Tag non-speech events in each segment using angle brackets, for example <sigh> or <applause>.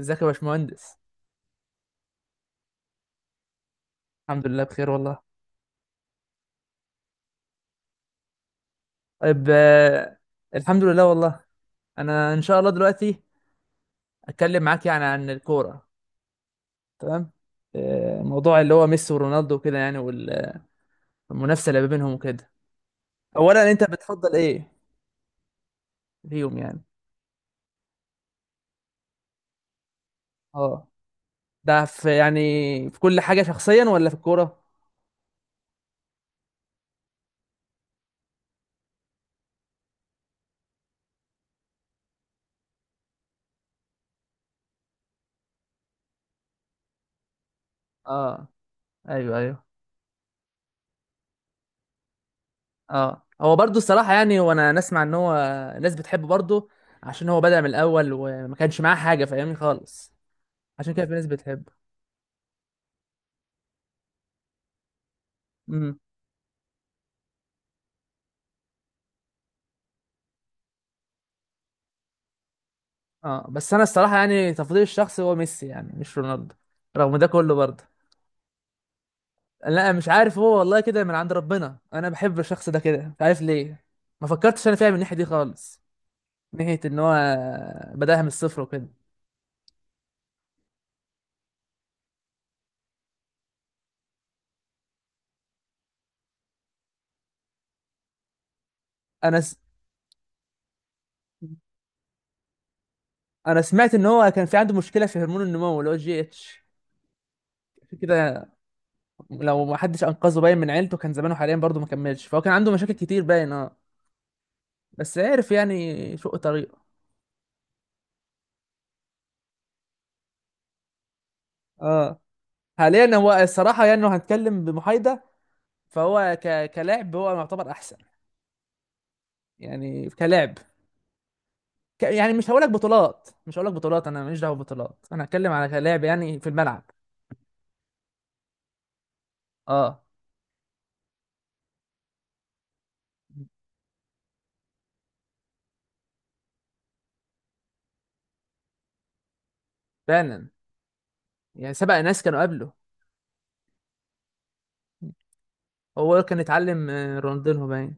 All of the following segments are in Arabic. ازيك يا باشمهندس؟ الحمد لله بخير والله. طيب، الحمد لله والله. انا ان شاء الله دلوقتي اتكلم معاك يعني عن الكوره. تمام. موضوع اللي هو ميسي ورونالدو وكده يعني، والمنافسه اللي ما بينهم وكده. اولا انت بتفضل ايه فيهم يعني؟ اه، ده في يعني في كل حاجه شخصيا ولا في الكوره؟ اه، ايوه ايوه. اه، هو برضو الصراحه يعني، هو انا نسمع ان هو الناس بتحبه برضو عشان هو بدأ من الاول وما كانش معاه حاجه، فاهمني؟ خالص عشان كده في ناس بتحبه. امم اه، بس انا الصراحه يعني تفضيلي الشخصي هو ميسي يعني، مش رونالدو رغم ده كله برضه. لا، مش عارف، هو والله كده من عند ربنا، انا بحب الشخص ده كده مش عارف ليه. ما فكرتش انا فيها من الناحيه دي خالص، من ناحيه ان هو بداها من الصفر وكده. انا س... انا سمعت ان هو كان في عنده مشكله في هرمون النمو اللي هو الجي اتش كده. لو ما حدش انقذه باين من عيلته كان زمانه حاليا برضه ما كملش، فهو كان عنده مشاكل كتير باين. اه، بس عرف يعني شق طريقه. اه، حاليا هو الصراحه يعني لو هنتكلم بمحايده فهو كلاعب هو يعتبر احسن، يعني كلاعب. يعني مش هقولك بطولات مش هقولك بطولات، انا ماليش دعوه ببطولات، انا هتكلم على كلاعب يعني في الملعب. اه فعلا، يعني سبق ناس كانوا قبله. هو كان اتعلم، رونالدينهو باين.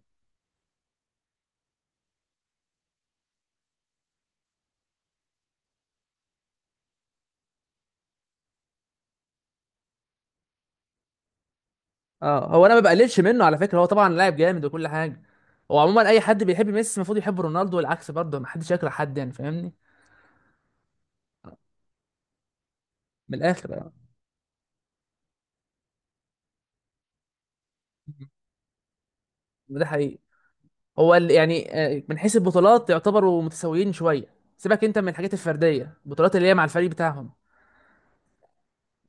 اه، هو انا ما بقللش منه على فكره، هو طبعا لاعب جامد وكل حاجه. هو عموما اي حد بيحب ميسي المفروض يحب رونالدو والعكس برضه، ما حدش يكره حد يعني، فاهمني؟ من الاخر اه، ده حقيقي. هو يعني من حيث البطولات يعتبروا متساويين شويه، سيبك انت من الحاجات الفرديه، البطولات اللي هي مع الفريق بتاعهم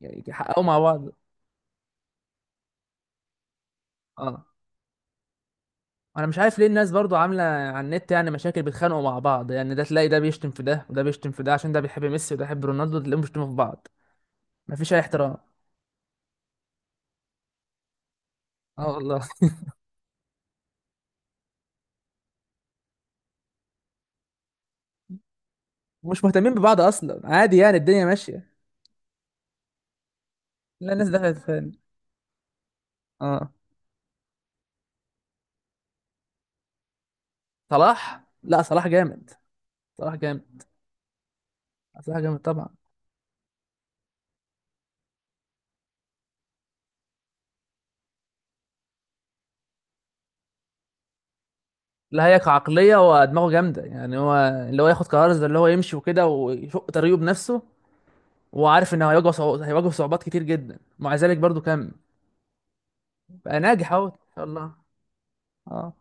يعني، حققوا مع بعض. اه، انا مش عارف ليه الناس برضو عامله على النت يعني مشاكل، بيتخانقوا مع بعض يعني، ده تلاقي ده بيشتم في ده وده بيشتم في ده عشان ده بيحب ميسي وده بيحب رونالدو، تلاقيهم بيشتموا في بعض. مفيش اي احترام. اه والله. <laughs> مش مهتمين ببعض اصلا، عادي يعني، الدنيا ماشيه. لا، الناس دخلت فين؟ اه، صلاح لا، صلاح جامد. صلاح جامد. صلاح جامد طبعا. لا، هي كعقلية هو دماغه جامدة يعني، هو اللي هو ياخد قرار زي اللي هو يمشي وكده ويشق طريقه بنفسه، وهو عارف انه هيواجه هيواجه صعوبات كتير جدا ومع ذلك برضه كمل، بقى ناجح اهو ان شاء الله. اه،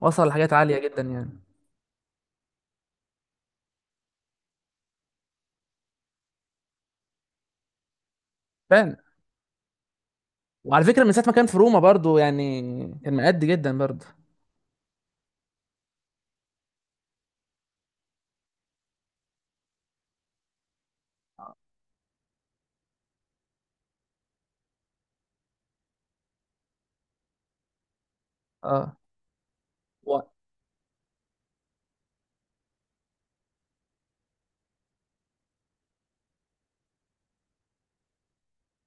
وصل لحاجات عالية جدا يعني. فعلا، وعلى فكرة من ساعة ما كان في روما برضه يعني، كان مأدي جدا برضه. اه، آه. و-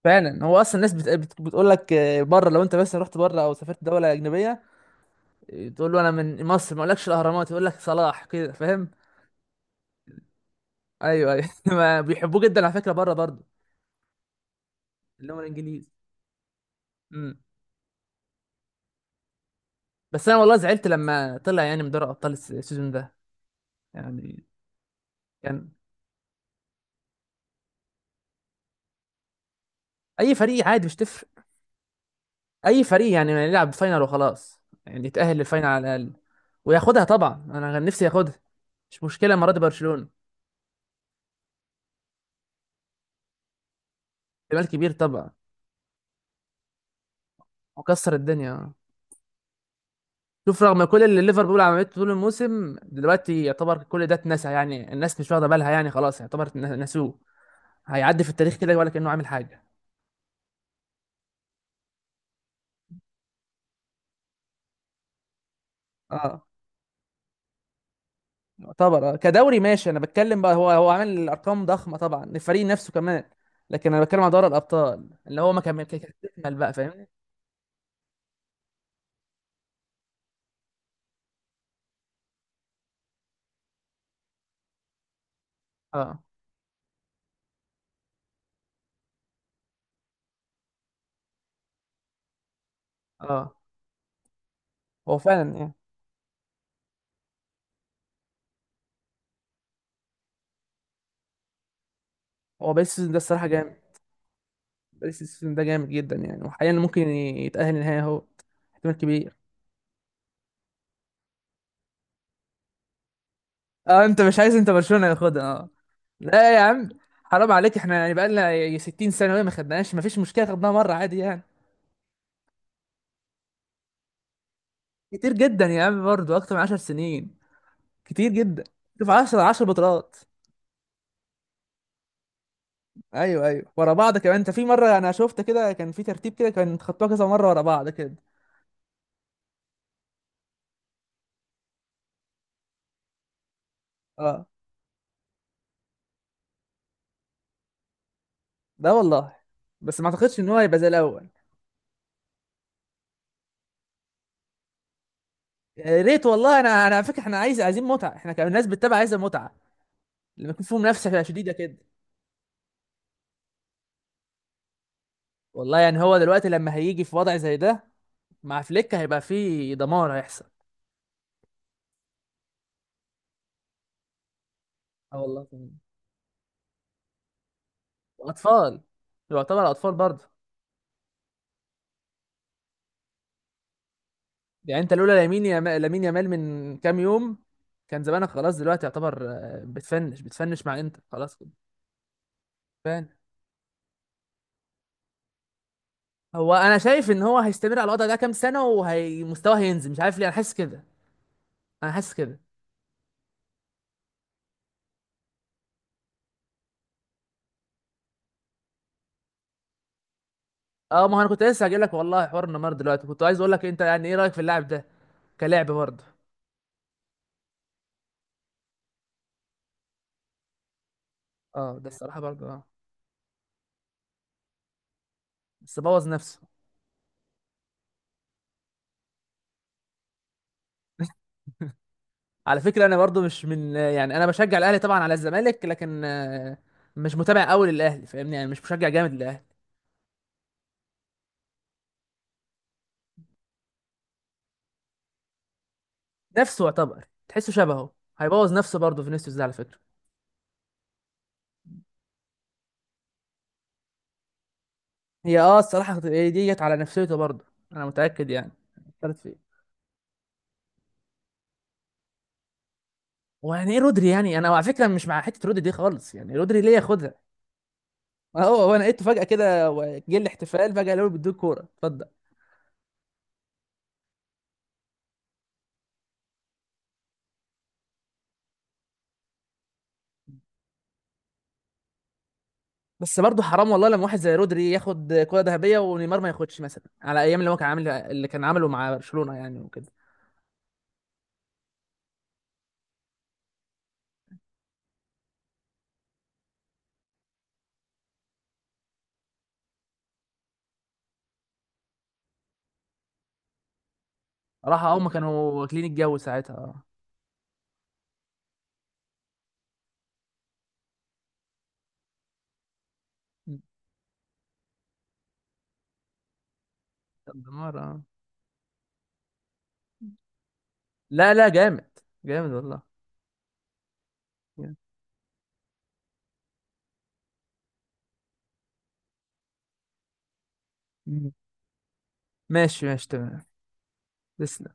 فعلا، هو اصلا الناس بتقول لك، بره لو انت بس رحت بره او سافرت دولة أجنبية، تقول له انا من مصر ما اقولكش الاهرامات، يقول لك صلاح، كده فاهم. ايوه ايوه، <laughs> ما بيحبوه جدا على فكرة بره برضه، اللي هم الانجليز. امم بس انا والله زعلت لما طلع يعني من دوري ابطال السيزون ده، يعني كان اي فريق عادي، مش تفرق. اي فريق يعني ما يلعب فاينل وخلاص، يعني يتاهل للفاينل على الاقل وياخدها طبعا، انا كان نفسي ياخدها. مش مشكله المره دي برشلونه. احتمال كبير طبعا، وكسر الدنيا. شوف، رغم كل اللي ليفربول عملته طول الموسم دلوقتي يعتبر كل ده اتنسى يعني، الناس مش واخده بالها يعني، خلاص يعتبر نسوه، هيعدي في التاريخ كده ولا كانه عامل حاجه. اه، يعتبر كدوري ماشي انا بتكلم بقى، هو عامل ارقام ضخمه طبعا، الفريق نفسه كمان. لكن انا بتكلم على دوري الابطال اللي هو ما كمل كمل بقى، فاهمني؟ اه اه، هو فعلا يعني. هو باريس السيزون ده الصراحه جامد، باريس السيزون ده جامد جدا يعني، وحاليا ممكن يتاهل النهائي اهو، احتمال كبير. اه، انت مش عايز انت برشلونه ياخدها؟ اه، لا يا عم حرام عليك، احنا يعني بقالنا 60 سنه وهي ما خدناهاش، ما فيش مشكله خدناها مره عادي يعني. كتير جدا يا عم، برضه اكتر من 10 سنين، كتير جدا. شوف، 10 10 بطولات. ايوه ايوه، ورا بعض كمان، انت في مره انا شفت كده كان في ترتيب كده كان خدتوها كذا مره ورا بعض كده. اه، ده والله، بس ما اعتقدش ان هو هيبقى زي الاول. يا ريت والله، انا على فكره احنا عايزين متعه، احنا كناس بتتابع عايزه متعه لما يكون في منافسه شديده كده. والله يعني هو دلوقتي لما هيجي في وضع زي ده مع فليك هيبقى في دمار هيحصل. اه والله فعلا. واطفال، يعتبر اطفال برضه. يعني انت لولا لامين يا لامين يامال من كام يوم، كان زمانك خلاص دلوقتي، يعتبر بتفنش بتفنش، مع انت خلاص كده فاهم. هو انا شايف ان هو هيستمر على الوضع ده كام سنه وهيمستواه هينزل، مش عارف ليه انا حاسس كده، انا حاسس كده. اه، ما هو انا كنت لسه هجيلك لك والله حوار النمر دلوقتي، كنت عايز اقول لك انت يعني ايه رايك في اللاعب ده، كلاعب برضه. اه، ده الصراحه برضه اه، بس بوظ نفسه. <laughs> على فكره انا برضه مش من، يعني انا بشجع الاهلي طبعا على الزمالك، لكن مش متابع قوي للاهلي، فاهمني يعني؟ مش مشجع جامد للاهلي. نفسه يعتبر، تحسه شبهه، هيبوظ نفسه برضه فينيسيوس ده على فكره. هي الصراحه هي دي جت على نفسيته برضه، انا متاكد يعني، فكرت فيه. ويعني ايه رودري؟ يعني انا على فكره مش مع حته رودري دي خالص، يعني رودري ليه ياخدها؟ هو انا لقيته فجاه كده جه الاحتفال فجاه، قالوا له بيدوك كوره اتفضل. بس برضه حرام والله لما واحد زي رودري ياخد كوره ذهبيه ونيمار ما ياخدش، مثلا على ايام اللي هو كان عامل اللي كان عامله مع برشلونه يعني وكده. راح، هم كانوا واكلين الجو ساعتها. اه، طب نيمار اه؟ لا لا، جامد جامد والله. جامد. مم. ماشي ماشي تمام. تسلم.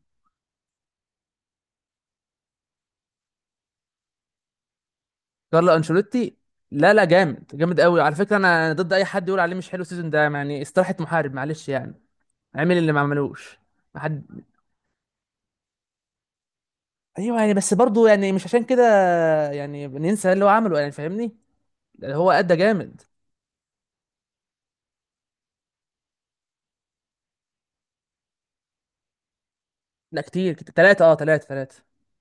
كارلو انشيلوتي. لا لا، جامد جامد قوي على فكره، أنا ضد اي حد يقول عليه مش حلو السيزون ده يعني، استراحه محارب معلش يعني، عمل اللي ما عملوش. ما حد. ايوه يعني، بس برضه يعني مش عشان كده يعني ننسى اللي هو عمله، يعني فاهمني، اللي هو ادى جامد. لا، كتير كتير، تلاتة تلاتة تلاتة،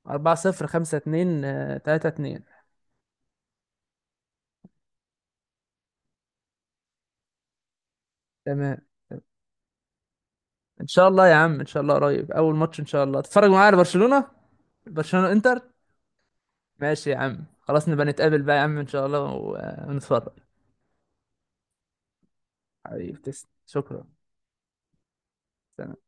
4-0، 5-2، 3-2. تمام. إن شاء الله يا عم، إن شاء الله قريب أول ماتش إن شاء الله تتفرج معايا على برشلونة. برشلونة إنتر. ماشي يا عم، خلاص نبقى نتقابل بقى يا عم إن شاء الله، ونتفرج. حبيبي تسلم، شكرا. سلام.